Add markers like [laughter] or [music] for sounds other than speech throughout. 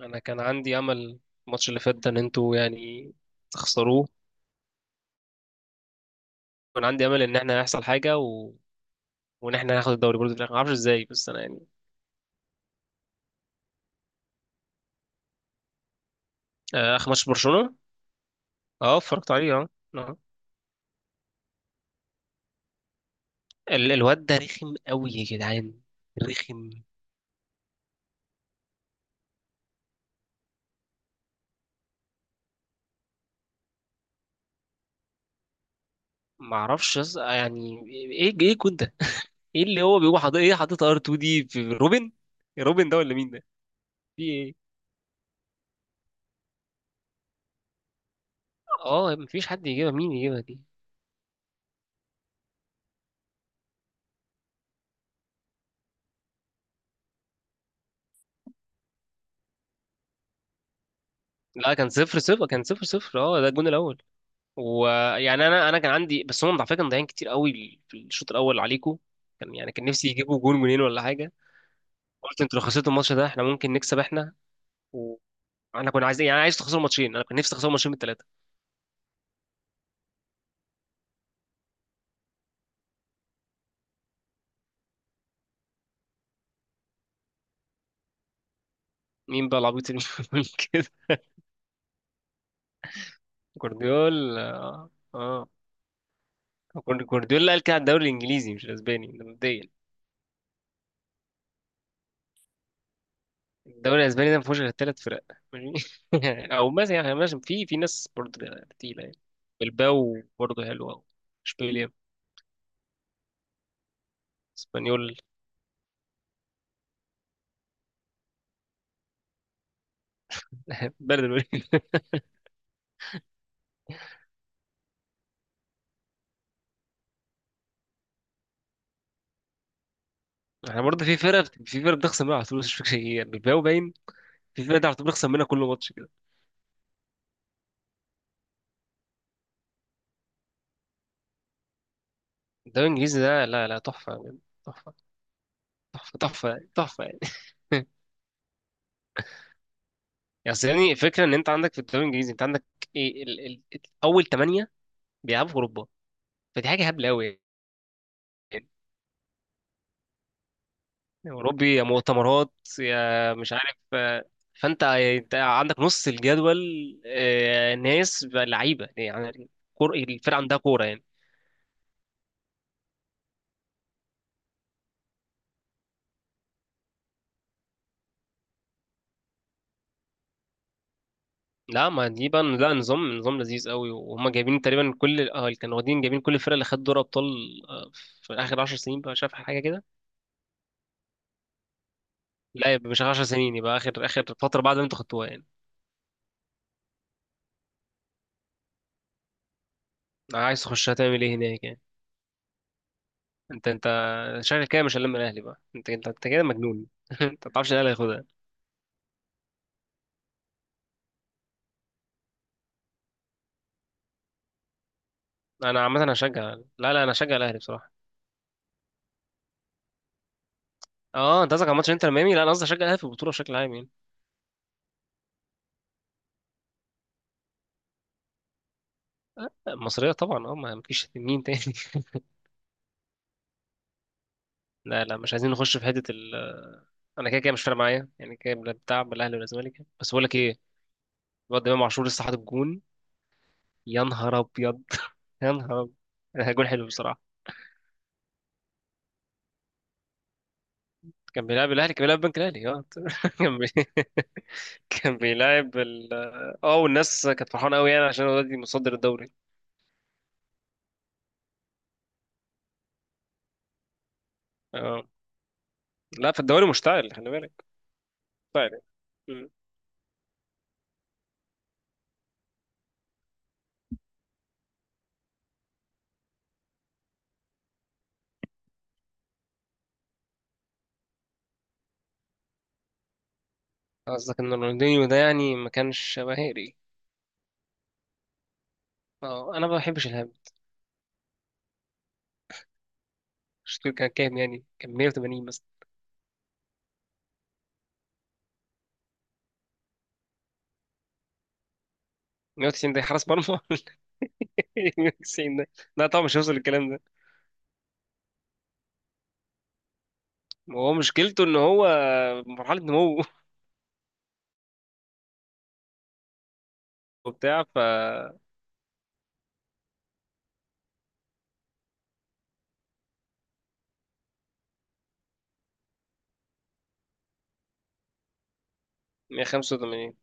انا كان عندي امل الماتش اللي فات ده ان انتوا تخسروه. كان عندي امل ان احنا هيحصل حاجه وان احنا هناخد الدوري برضه في الاخر، ما اعرفش ازاي، بس انا اخر ماتش برشلونه اه اتفرجت عليه اه آه. الواد ده رخم قوي يا جدعان، رخم. ما اعرفش ايه كنت ده؟ ايه اللي هو بيقوم حاطط ايه، حاطط ار 2 دي في روبن؟ روبن ده ولا مين ده؟ في ايه؟ اه مفيش حد يجيبها، مين يجيبها دي؟ لا كان صفر صفر، اه ده الجون الاول. ويعني انا كان عندي، بس هم على فكره كانوا مضيعين كتير قوي في الشوط الاول عليكم. كان نفسي يجيبوا جون، جونين، ولا حاجه. قلت انتوا لو خسرتوا الماتش ده احنا ممكن نكسب احنا. وانا كنا عايزين عايز تخسروا ماتشين، انا كنت نفسي اخسر ماتشين من الثلاثه. مين بقى العبيط اللي [laughs] بيقول كده؟ جوارديولا اه آه. جوارديولا قال كده على الدوري الانجليزي مش الاسباني ده مبدئيا. الدوري الاسباني ده ما فيهوش غير ثلاث فرق، ماشي؟ [laughs] او مثلا يعني ماشي، في في ناس برضه تقيله يعني، بلباو برضه حلوه، اشبيليا، اسبانيول، [laughs] بلد. احنا برضه في فرق، في فرق بتخسر منها على طول، بس مش فاكر هي إيه، يعني بلباو باين. في فرق ده على طول بنخسر منها كل ماتش كده. الدوري الانجليزي ده، لا لا، تحفه يعني، تحفه، تحفه، تحفه تحفه يعني. [laughs] يعني أصل يعني الفكره ان انت عندك في الدوري الانجليزي، انت عندك ايه اول ثمانيه بيلعبوا في اوروبا، فدي حاجه هبله قوي. يعني يا اوروبي يا مؤتمرات، يا مش عارف آه، فانت انت عندك نص الجدول، آه، ناس لعيبه يعني، الفرقه عندها كوره يعني. لا ما دي بقى، لا، نظام، نظام لذيذ قوي، وهم جايبين تقريبا كل اه اللي كانوا واخدين، جايبين كل الفرق اللي خدت دوري ابطال آه، في اخر 10 سنين بقى، شاف حاجه كده. لا يبقى مش 10 سنين، يبقى اخر فتره بعد ما انتوا خدتوها يعني. عايز تخشها تعمل ايه هناك يعني؟ انت شكلك كده مش هلم الاهلي بقى. انت كده مجنون. [laughs] انت ما تعرفش الاهلي هياخدها. انا عامه هشجع، لا لا انا هشجع الاهلي بصراحه. اه انت قصدك على ماتش انتر ميامي، لا انا قصدي هشجع الاهلي في البطوله بشكل عام يعني. المصريه طبعا اه، ما فيش مين تاني. لا لا مش عايزين نخش في حتة ال. أنا كده كده مش فارق معايا يعني، كده لا بتاع بالأهلي ولا الزمالك، بس بقول لك إيه؟ الواد إمام عاشور لسه حاطط جون، يا نهار أبيض، [laughs] يا نهار أبيض. ده جون حلو بصراحة. كان بيلعب الأهلي، كان بيلعب بنك الأهلي اه. [laughs] كان بي... كان بيلعب ال، اه، والناس كانت فرحانة أوي يعني عشان الواد مصدر الدوري. اه لا، في الدوري مشتعل، خلي بالك، مشتعل يعني. مم. قصدك إن رونالدينيو ده يعني ما كانش مهاري؟ اه أنا ما بحبش الهام. شفت كان كام؟ يعني كان 180 مثلا؟ 190 ده حارس مرمى. [laughs] ميكسين ده. لا طبعا مش هيوصل للكلام ده. هو مشكلته ان هو في مرحله نمو وبتاع ف 185.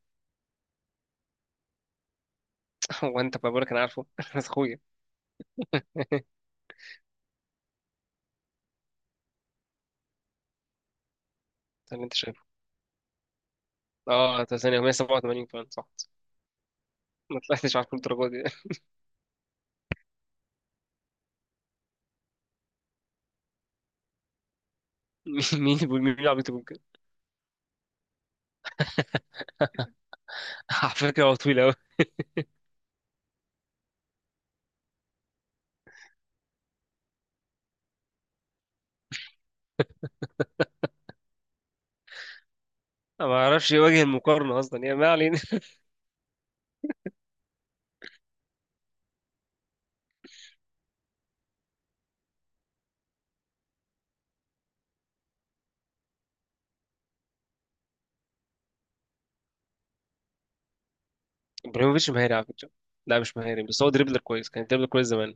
[laughs] هو انت بقول لك انا عارفه، [laughs] بس اخويا. [laughs] ده اللي انت شايفه؟ اه طب ثانيه، 187 فعلا صح، ما طلعتش عارف الدرجه دي. [laughs] مين العبيط يقول كده؟ [laughs] على فكره هو طويل قوي. انا ما اعرفش وجه المقارنه اصلا يعني، ما علينا. [laughs] ابراهيموفيتش مهاري على فكره. لا مش مهاري، بس هو دريبلر كويس، كان دريبلر كويس زمان.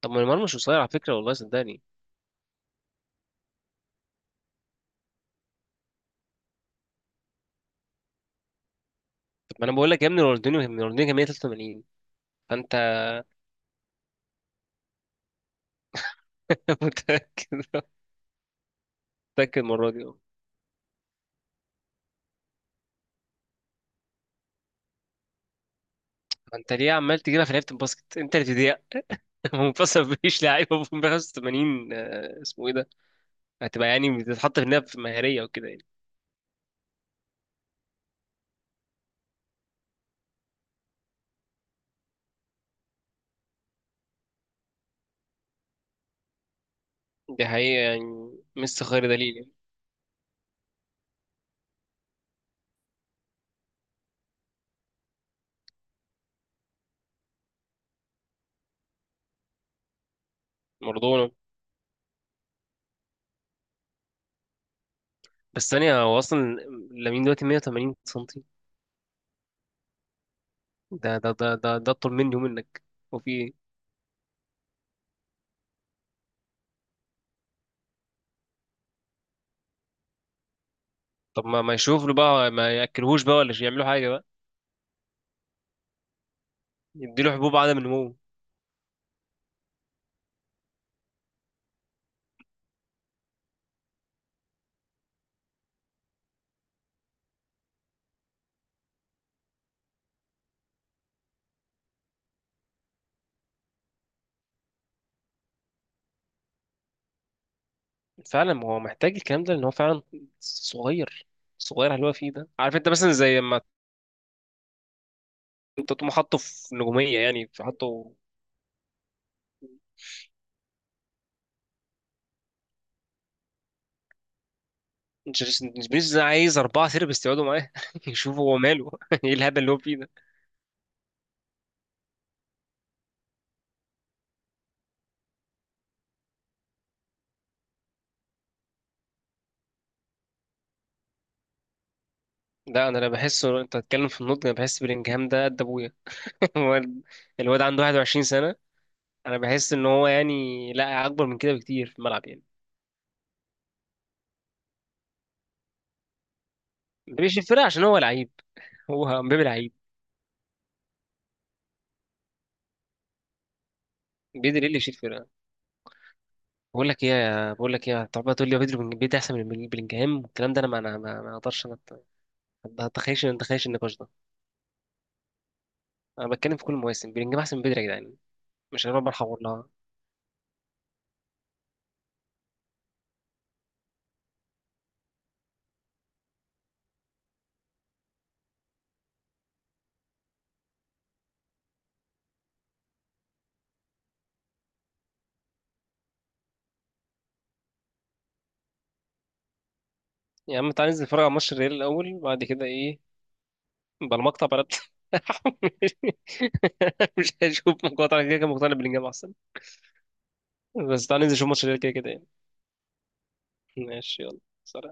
طب ما نيمار مش قصير على فكره، والله صدقني. طب ما انا بقول لك يا ابني، رونالدينيو، رونالدينيو كان 183 فانت. [laughs] متأكد، متأكد المرة دي اه. انت ليه عمال تجيبها في لعيبة الباسكت، انت اللي بتضيع. [laughs] منفصل، مفيش لعيبة [laughs] في 85، آه، اسمه ايه ده، هتبقى يعني بتتحط في النهاية في مهارية وكده يعني. دي حقيقة، يعني ميسي خير دليل يعني، مارادونا. بس ثانية، هو أصلا لامين دلوقتي 180 سنتي، ده أطول مني ومنك، وفي ايه؟ طب ما يشوف له بقى، ما ياكلهوش بقى، ولا يعملوا حاجة بقى، يديله حبوب عدم النمو. فعلا ما هو محتاج الكلام ده، لان هو فعلا صغير، صغير على اللي هو فيه ده. عارف انت مثلا زي ما انت تقوم حاطه في نجوميه، يعني في حاطه. بنيز عايز اربعه سيرفس يقعدوا معاه [laughs] يشوفوا هو ماله، [laughs] ايه الهبل اللي هو فيه ده؟ ده انا لا بحسه، انت تتكلم في النضج، انا بحس بلينجهام ده قد ابويا. [laughs] هو ال- الواد عنده 21 سنه، انا بحس ان هو يعني لا اكبر من كده بكتير في الملعب يعني. مبيبقاش يشيل فرقه عشان هو لعيب، هو مبابي لعيب؟ بيدري ايه اللي يشيل فرقه؟ بقول لك ايه، طب تقول لي هو بيدري، بيدري احسن من بلينجهام والكلام ده، انا ما اقدرش ما اتخيلش ما اتخيلش النقاش ده. انا بتكلم في كل المواسم، بلينجهام احسن من بدري يا جدعان، مش هنبقى بنحور لها. يا عم تعالى ننزل نتفرج على ماتش الريال الاول وبعد كده ايه؟ بالمقطع بلد. [laughs] مش هشوف مقاطع، أنا كده كده مقتنع بلينجهام احسن. بس تعالى ننزل نشوف ماتش الريال كده كده يعني. ماشي، يلا، سلام.